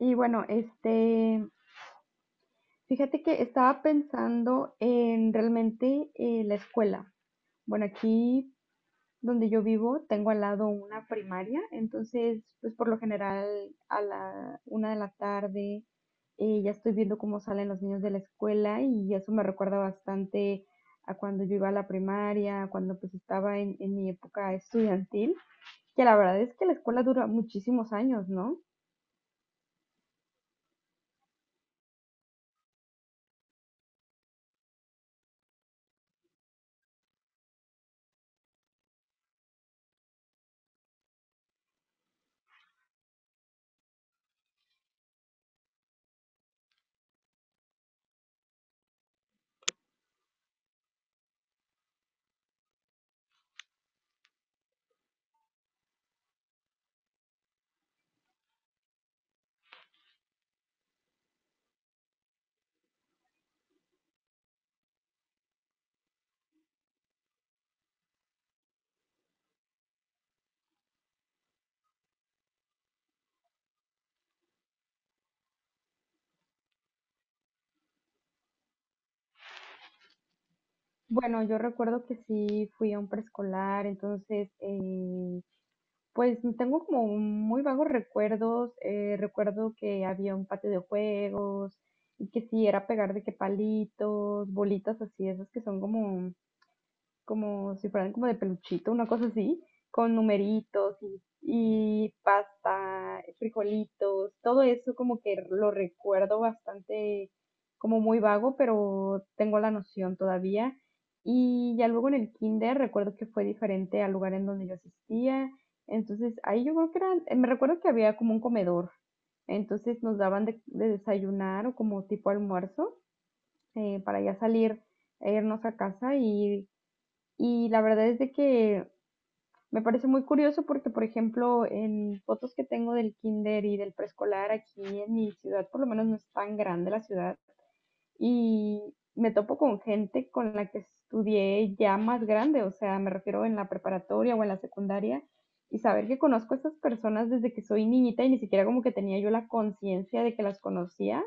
Y bueno, fíjate que estaba pensando en realmente la escuela. Bueno, aquí donde yo vivo tengo al lado una primaria, entonces pues por lo general a la una de la tarde ya estoy viendo cómo salen los niños de la escuela y eso me recuerda bastante a cuando yo iba a la primaria, cuando pues estaba en mi época estudiantil, que la verdad es que la escuela dura muchísimos años, ¿no? Bueno, yo recuerdo que sí fui a un preescolar, entonces, pues tengo como un muy vagos recuerdos. Recuerdo que había un patio de juegos y que sí era pegar de que palitos, bolitas así, esas que son como como si fueran como de peluchito, una cosa así, con numeritos y pasta, frijolitos, todo eso como que lo recuerdo bastante como muy vago, pero tengo la noción todavía. Y ya luego en el kinder recuerdo que fue diferente al lugar en donde yo asistía. Entonces ahí yo creo que eran, me recuerdo que había como un comedor. Entonces nos daban de desayunar o como tipo almuerzo para ya salir e irnos a casa y la verdad es de que me parece muy curioso porque, por ejemplo, en fotos que tengo del kinder y del preescolar aquí en mi ciudad, por lo menos no es tan grande la ciudad, y me topo con gente con la que estudié ya más grande, o sea, me refiero en la preparatoria o en la secundaria, y saber que conozco a estas personas desde que soy niñita y ni siquiera como que tenía yo la conciencia de que las conocía,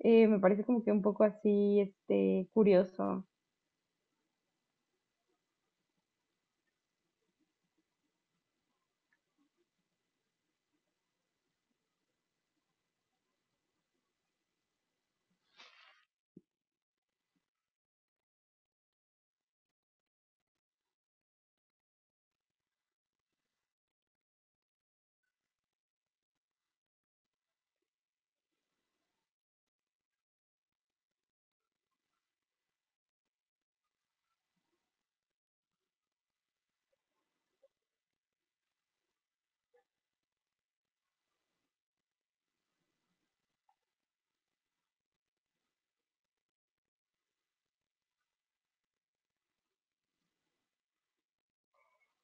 me parece como que un poco así, este, curioso.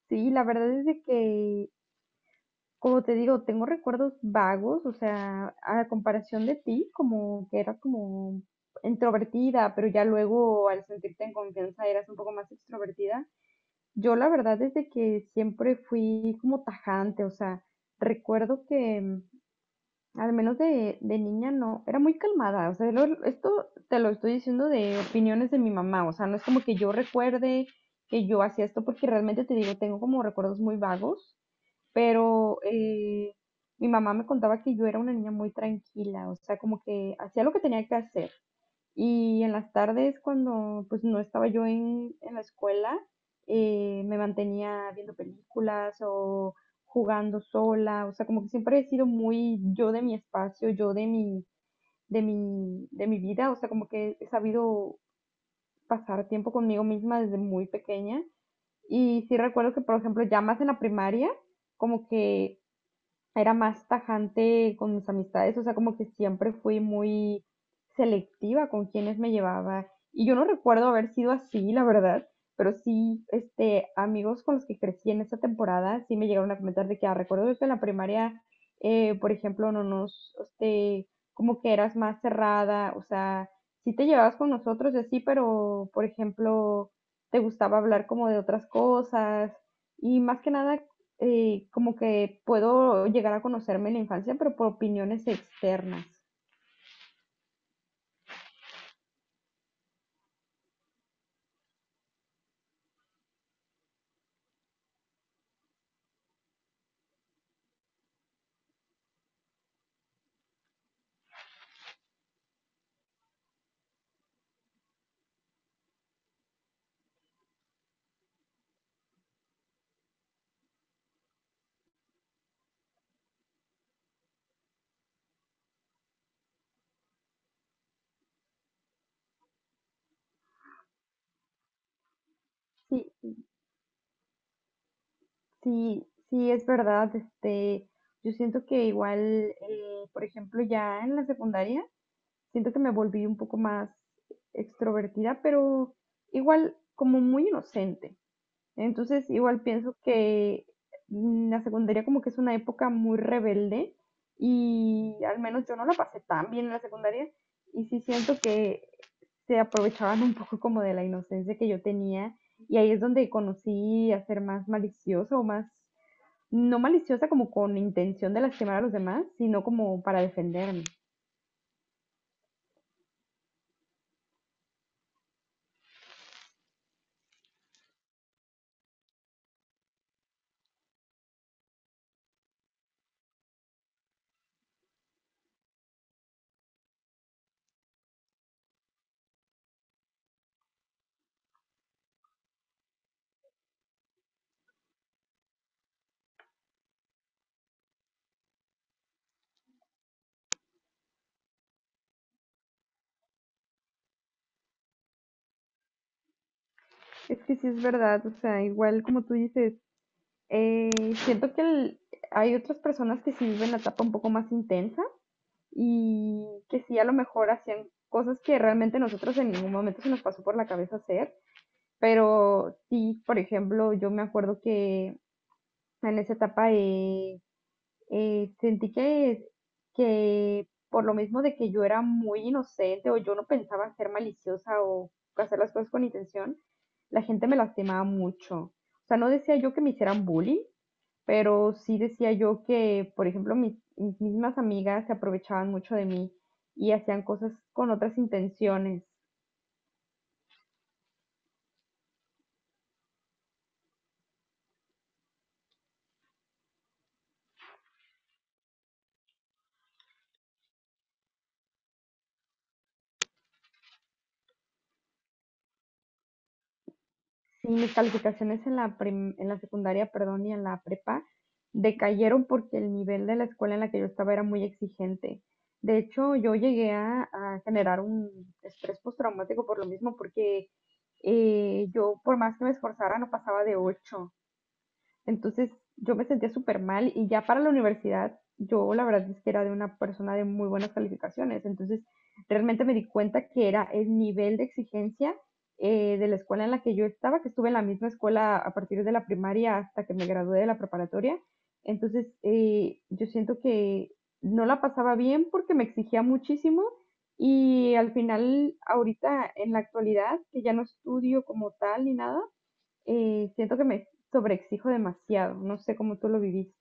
Sí, la verdad es de que como te digo, tengo recuerdos vagos, o sea, a comparación de ti, como que eras como introvertida, pero ya luego al sentirte en confianza eras un poco más extrovertida. Yo la verdad es de que siempre fui como tajante, o sea, recuerdo que al menos de niña no, era muy calmada, o sea, lo- esto te lo estoy diciendo de opiniones de mi mamá, o sea, no es como que yo recuerde que yo hacía esto porque realmente te digo, tengo como recuerdos muy vagos pero mi mamá me contaba que yo era una niña muy tranquila, o sea, como que hacía lo que tenía que hacer. Y en las tardes, cuando pues no estaba yo en la escuela, me mantenía viendo películas o jugando sola, o sea, como que siempre he sido muy yo de mi espacio, yo de mi vida, o sea, como que he sabido pasar tiempo conmigo misma desde muy pequeña. Y sí recuerdo que, por ejemplo, ya más en la primaria, como que era más tajante con mis amistades, o sea, como que siempre fui muy selectiva con quienes me llevaba. Y yo no recuerdo haber sido así, la verdad, pero sí, este, amigos con los que crecí en esa temporada, sí me llegaron a comentar de que, ah, recuerdo que en la primaria, por ejemplo, no nos, este, como que eras más cerrada, o sea, sí te llevabas con nosotros y así, pero, por ejemplo, te gustaba hablar como de otras cosas. Y más que nada como que puedo llegar a conocerme en la infancia, pero por opiniones externas. Sí, sí, sí, es verdad. Este, yo siento que igual, por ejemplo, ya en la secundaria, siento que me volví un poco más extrovertida, pero igual como muy inocente. Entonces, igual pienso que la secundaria como que es una época muy rebelde y al menos yo no la pasé tan bien en la secundaria y sí siento que se aprovechaban un poco como de la inocencia que yo tenía y ahí es donde conocí a ser más maliciosa o más, no maliciosa como con intención de lastimar a los demás, sino como para defenderme. Es que sí es verdad, o sea, igual como tú dices, eh, siento que el- hay otras personas que sí viven la etapa un poco más intensa y que sí, a lo mejor hacían cosas que realmente nosotros en ningún momento se nos pasó por la cabeza hacer, pero sí, por ejemplo, yo me acuerdo que en esa etapa sentí que por lo mismo de que yo era muy inocente o yo no pensaba ser maliciosa o hacer las cosas con intención, la gente me lastimaba mucho. O sea, no decía yo que me hicieran bullying, pero sí decía yo que, por ejemplo, mis mismas amigas se aprovechaban mucho de mí y hacían cosas con otras intenciones. Y mis calificaciones en la, prim- en la secundaria, perdón, y en la prepa decayeron porque el nivel de la escuela en la que yo estaba era muy exigente. De hecho, yo llegué a generar un estrés postraumático por lo mismo, porque yo, por más que me esforzara, no pasaba de 8. Entonces yo me sentía súper mal y ya para la universidad yo la verdad es que era de una persona de muy buenas calificaciones. Entonces realmente me di cuenta que era el nivel de exigencia de la escuela en la que yo estaba, que estuve en la misma escuela a partir de la primaria hasta que me gradué de la preparatoria. Entonces yo siento que no la pasaba bien porque me exigía muchísimo y al final ahorita en la actualidad, que ya no estudio como tal ni nada siento que me sobreexijo demasiado. No sé cómo tú lo viviste.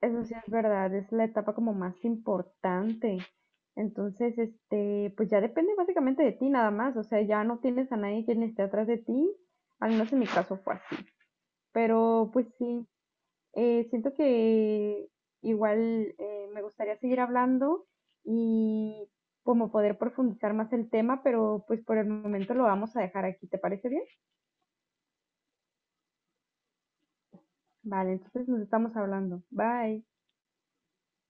Eso sí es verdad, es la etapa como más importante. Entonces, este, pues ya depende básicamente de ti nada más. O sea, ya no tienes a nadie quien esté atrás de ti. Al menos en mi caso fue así. Pero pues sí, siento que igual me gustaría seguir hablando y como poder profundizar más el tema, pero pues por el momento lo vamos a dejar aquí. ¿Te parece bien? Vale, entonces nos estamos hablando. Bye.